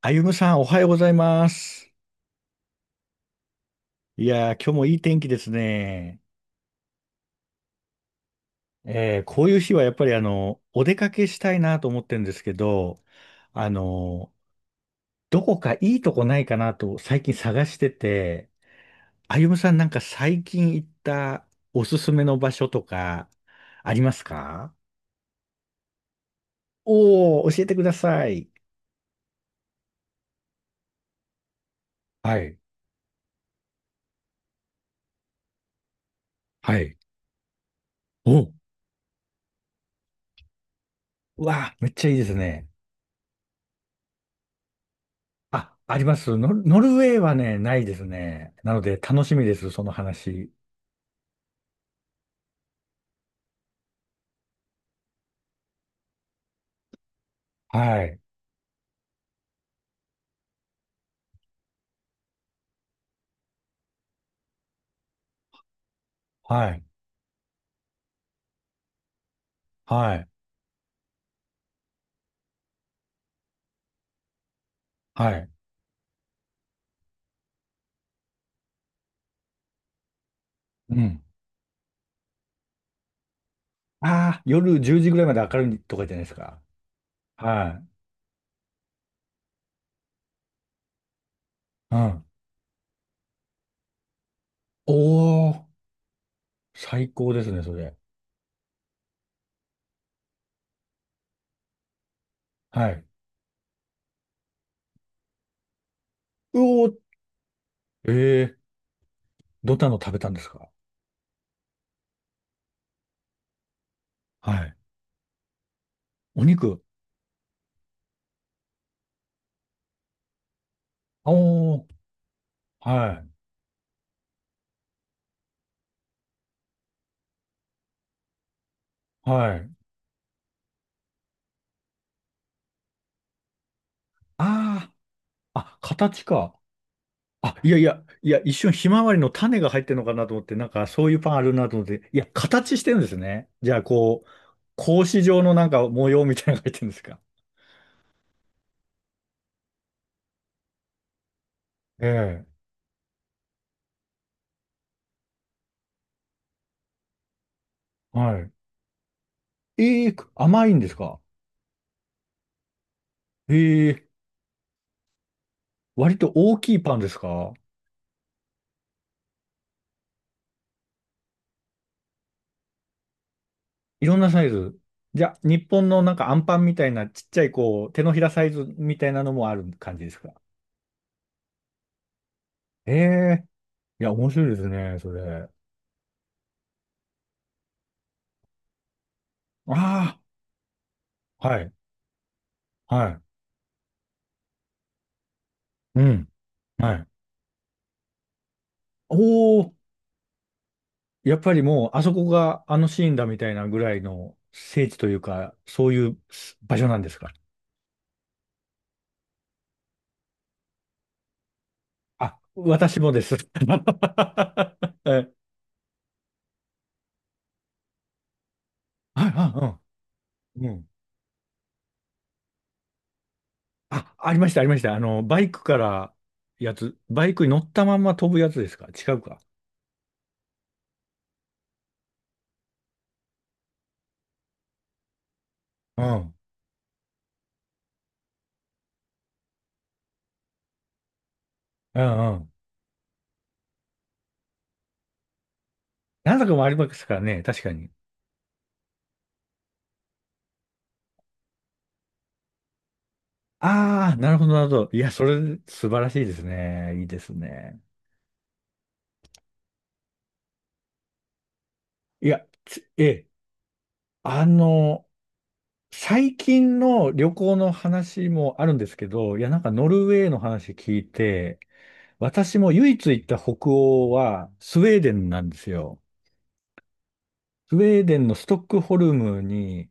あゆむさん、おはようございます。いやー、今日もいい天気ですね。こういう日はやっぱりお出かけしたいなと思ってるんですけど、あの、どこかいいとこないかなと最近探してて、あゆむさんなんか最近行ったおすすめの場所とかありますか？おー、教えてください。はい。はい。お、うわあ、めっちゃいいですね。あ、あります。ノルウェーはね、ないですね。なので楽しみです、その話。はい、はい、はい、はい。うん。ああ、夜10時ぐらいまで明るいとかじゃないですか。はい。うん。おお、最高ですね、それ。はい。うおー、えーどんなの食べたんですか？はい。お肉。おーはい、はい。ああ、あ、形か。あ、いやいや、いや、一瞬ひまわりの種が入ってるのかなと思って、なんかそういうパンあるなと思って、いや、形してるんですね。じゃあ、こう、格子状のなんか模様みたいなのが入ってるんですか？ええはい。ええ甘いんですか？ええ割と大きいパンですか？いろんなサイズ。じゃあ、日本のなんかアンパンみたいなちっちゃいこう、手のひらサイズみたいなのもある感じですか？ええいや、面白いですね、それ。ああ、はい、はい、うん、はい。おお、やっぱりもう、あそこがあのシーンだみたいなぐらいの聖地というか、そういう場所なんですか？あ、私もです。はい、はい、はいうん。うんあ、ありました、ありました。バイクからやつ、バイクに乗ったまま飛ぶやつですか？違うか。うん。うんうん。何作もありますからね、確かに。ああ、なるほど、なるほど。いや、それ、素晴らしいですね。いいですね。いや、つええ、あの、最近の旅行の話もあるんですけど、いや、なんかノルウェーの話聞いて、私も唯一行った北欧はスウェーデンなんですよ。スウェーデンのストックホルムに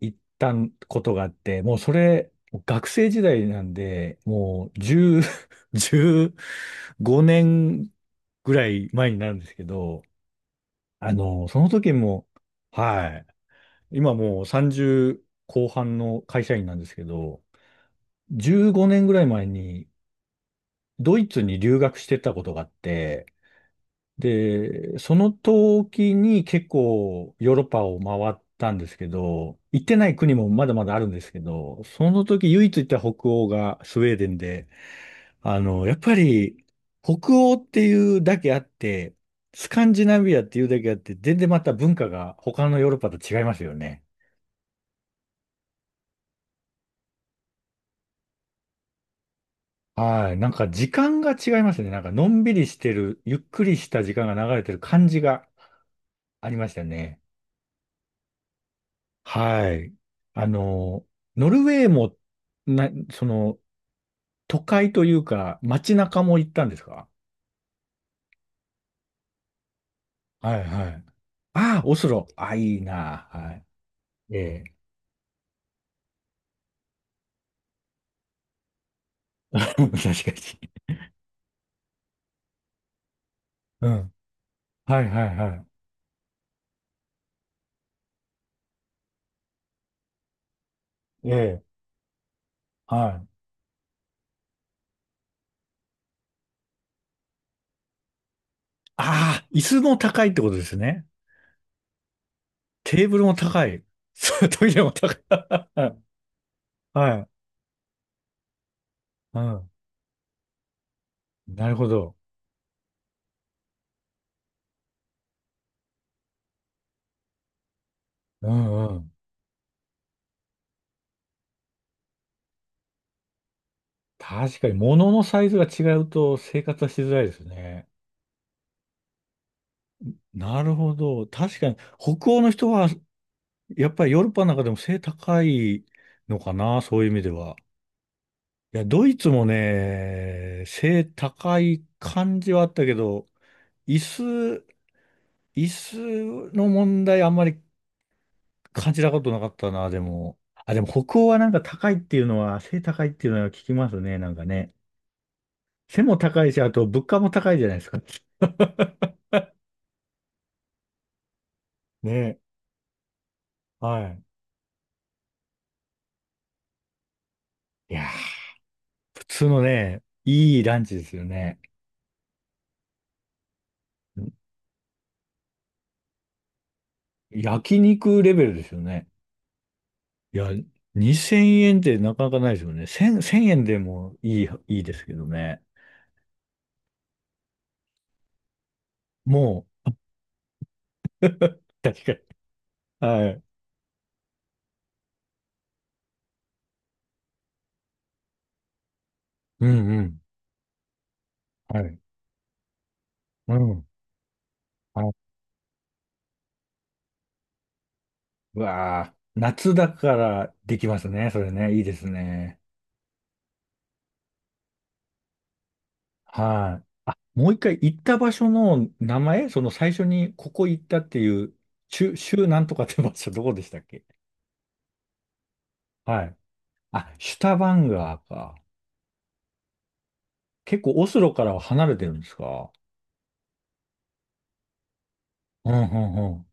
行ったことがあって、もうそれ、学生時代なんで、もう10、15年ぐらい前になるんですけど、その時も、はい、今もう30後半の会社員なんですけど、15年ぐらい前にドイツに留学してたことがあって、で、その時に結構ヨーロッパを回ったんですけど、行ってない国もまだまだあるんですけど、その時唯一行った北欧がスウェーデンで、やっぱり北欧っていうだけあって、スカンジナビアっていうだけあって、全然また文化が他のヨーロッパと違いますよね。はい。なんか時間が違いますね。なんかのんびりしてる、ゆっくりした時間が流れてる感じがありましたね。はい。あの、ノルウェーも、な、その、都会というか、街中も行ったんですか？はいはい。ああ、オスロ。あ、いいな。はい。ええ。確かに。うん。はいはいはい。ええ。はい。ああ、椅子も高いってことですね。テーブルも高い。そう、トイレも高い。はい。うん。なるほど。うんうん。確かに、物のサイズが違うと生活はしづらいですね。なるほど。確かに、北欧の人は、やっぱりヨーロッパの中でも背高いのかな、そういう意味では。いや、ドイツもね、背高い感じはあったけど、椅子、椅子の問題あんまり感じたことなかったな、でも。あ、でも北欧はなんか高いっていうのは、背高いっていうのは聞きますね、なんかね。背も高いし、あと物価も高いじゃないですか。ね。はい。いやー、普通のね、いいランチですよね。焼肉レベルですよね。いや、2000円ってなかなかないですよね。1000、円でもいい、ですけどね。もう、確かに。はい。うんうん。はい。うん。はい。うわあ、夏だからできますね。それね。いいですね。はい。あ、もう一回行った場所の名前、その最初にここ行ったっていう、州なんとかって場所どこでしたっけ？はい。あ、シュタバンガーか。結構オスロからは離れてるんですか？うんうんうん。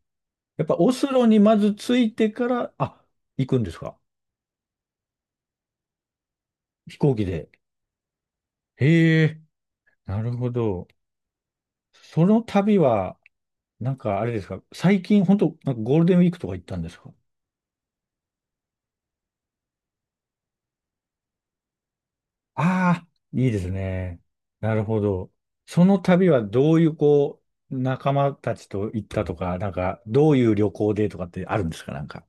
やっぱオスロにまず着いてから、あ、行くんですか？飛行機で。へえ、なるほど。その旅は、なんかあれですか？最近本当なんかゴールデンウィークとか行ったんですか？ああー、いいですね。なるほど。その旅はどういうこう、仲間たちと行ったとか、なんかどういう旅行でとかってあるんですかなんか。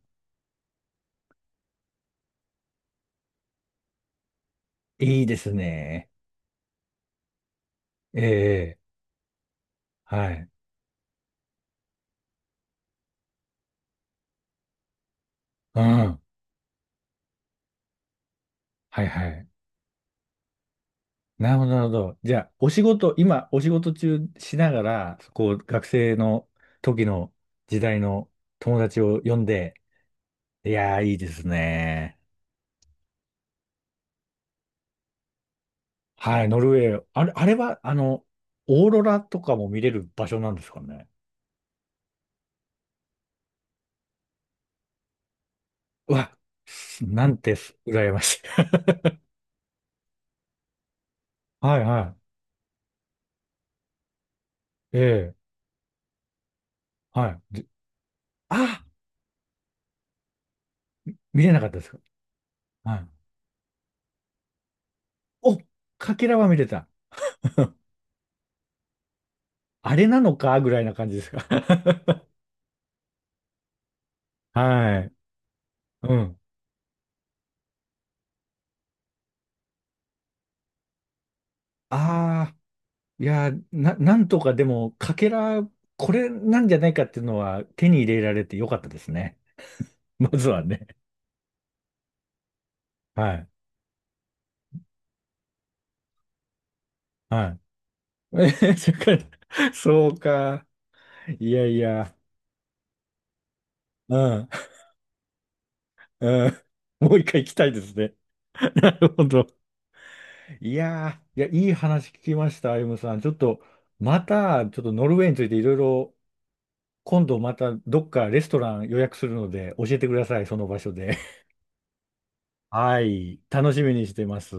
いいですね。ええ、はい。うん。はいはい。なるほど、なるほど。じゃあ、お仕事、今、お仕事中しながら、こう、学生の時の時代の友達を呼んで、いやー、いいですね。はい、ノルウェー。あれは、オーロラとかも見れる場所なんですかね。うわ、なんてす、羨ましい。はい、はい。ええ、はい。であ、見れなかったですか？はい。お、かけらは見れた？あれなのかぐらいな感じですか？はい。うん。ああ。いやー、なんとかでも、かけら、これなんじゃないかっていうのは手に入れられてよかったですね。まずはね。はい。はい。そっかそうか。いやいや。うん。うん。もう一回行きたいですね。なるほど。いやー、いや、いい話聞きました、歩夢さん。ちょっと、また、ちょっとノルウェーについていろいろ、今度またどっかレストラン予約するので、教えてください、その場所で。はい。楽しみにしてます。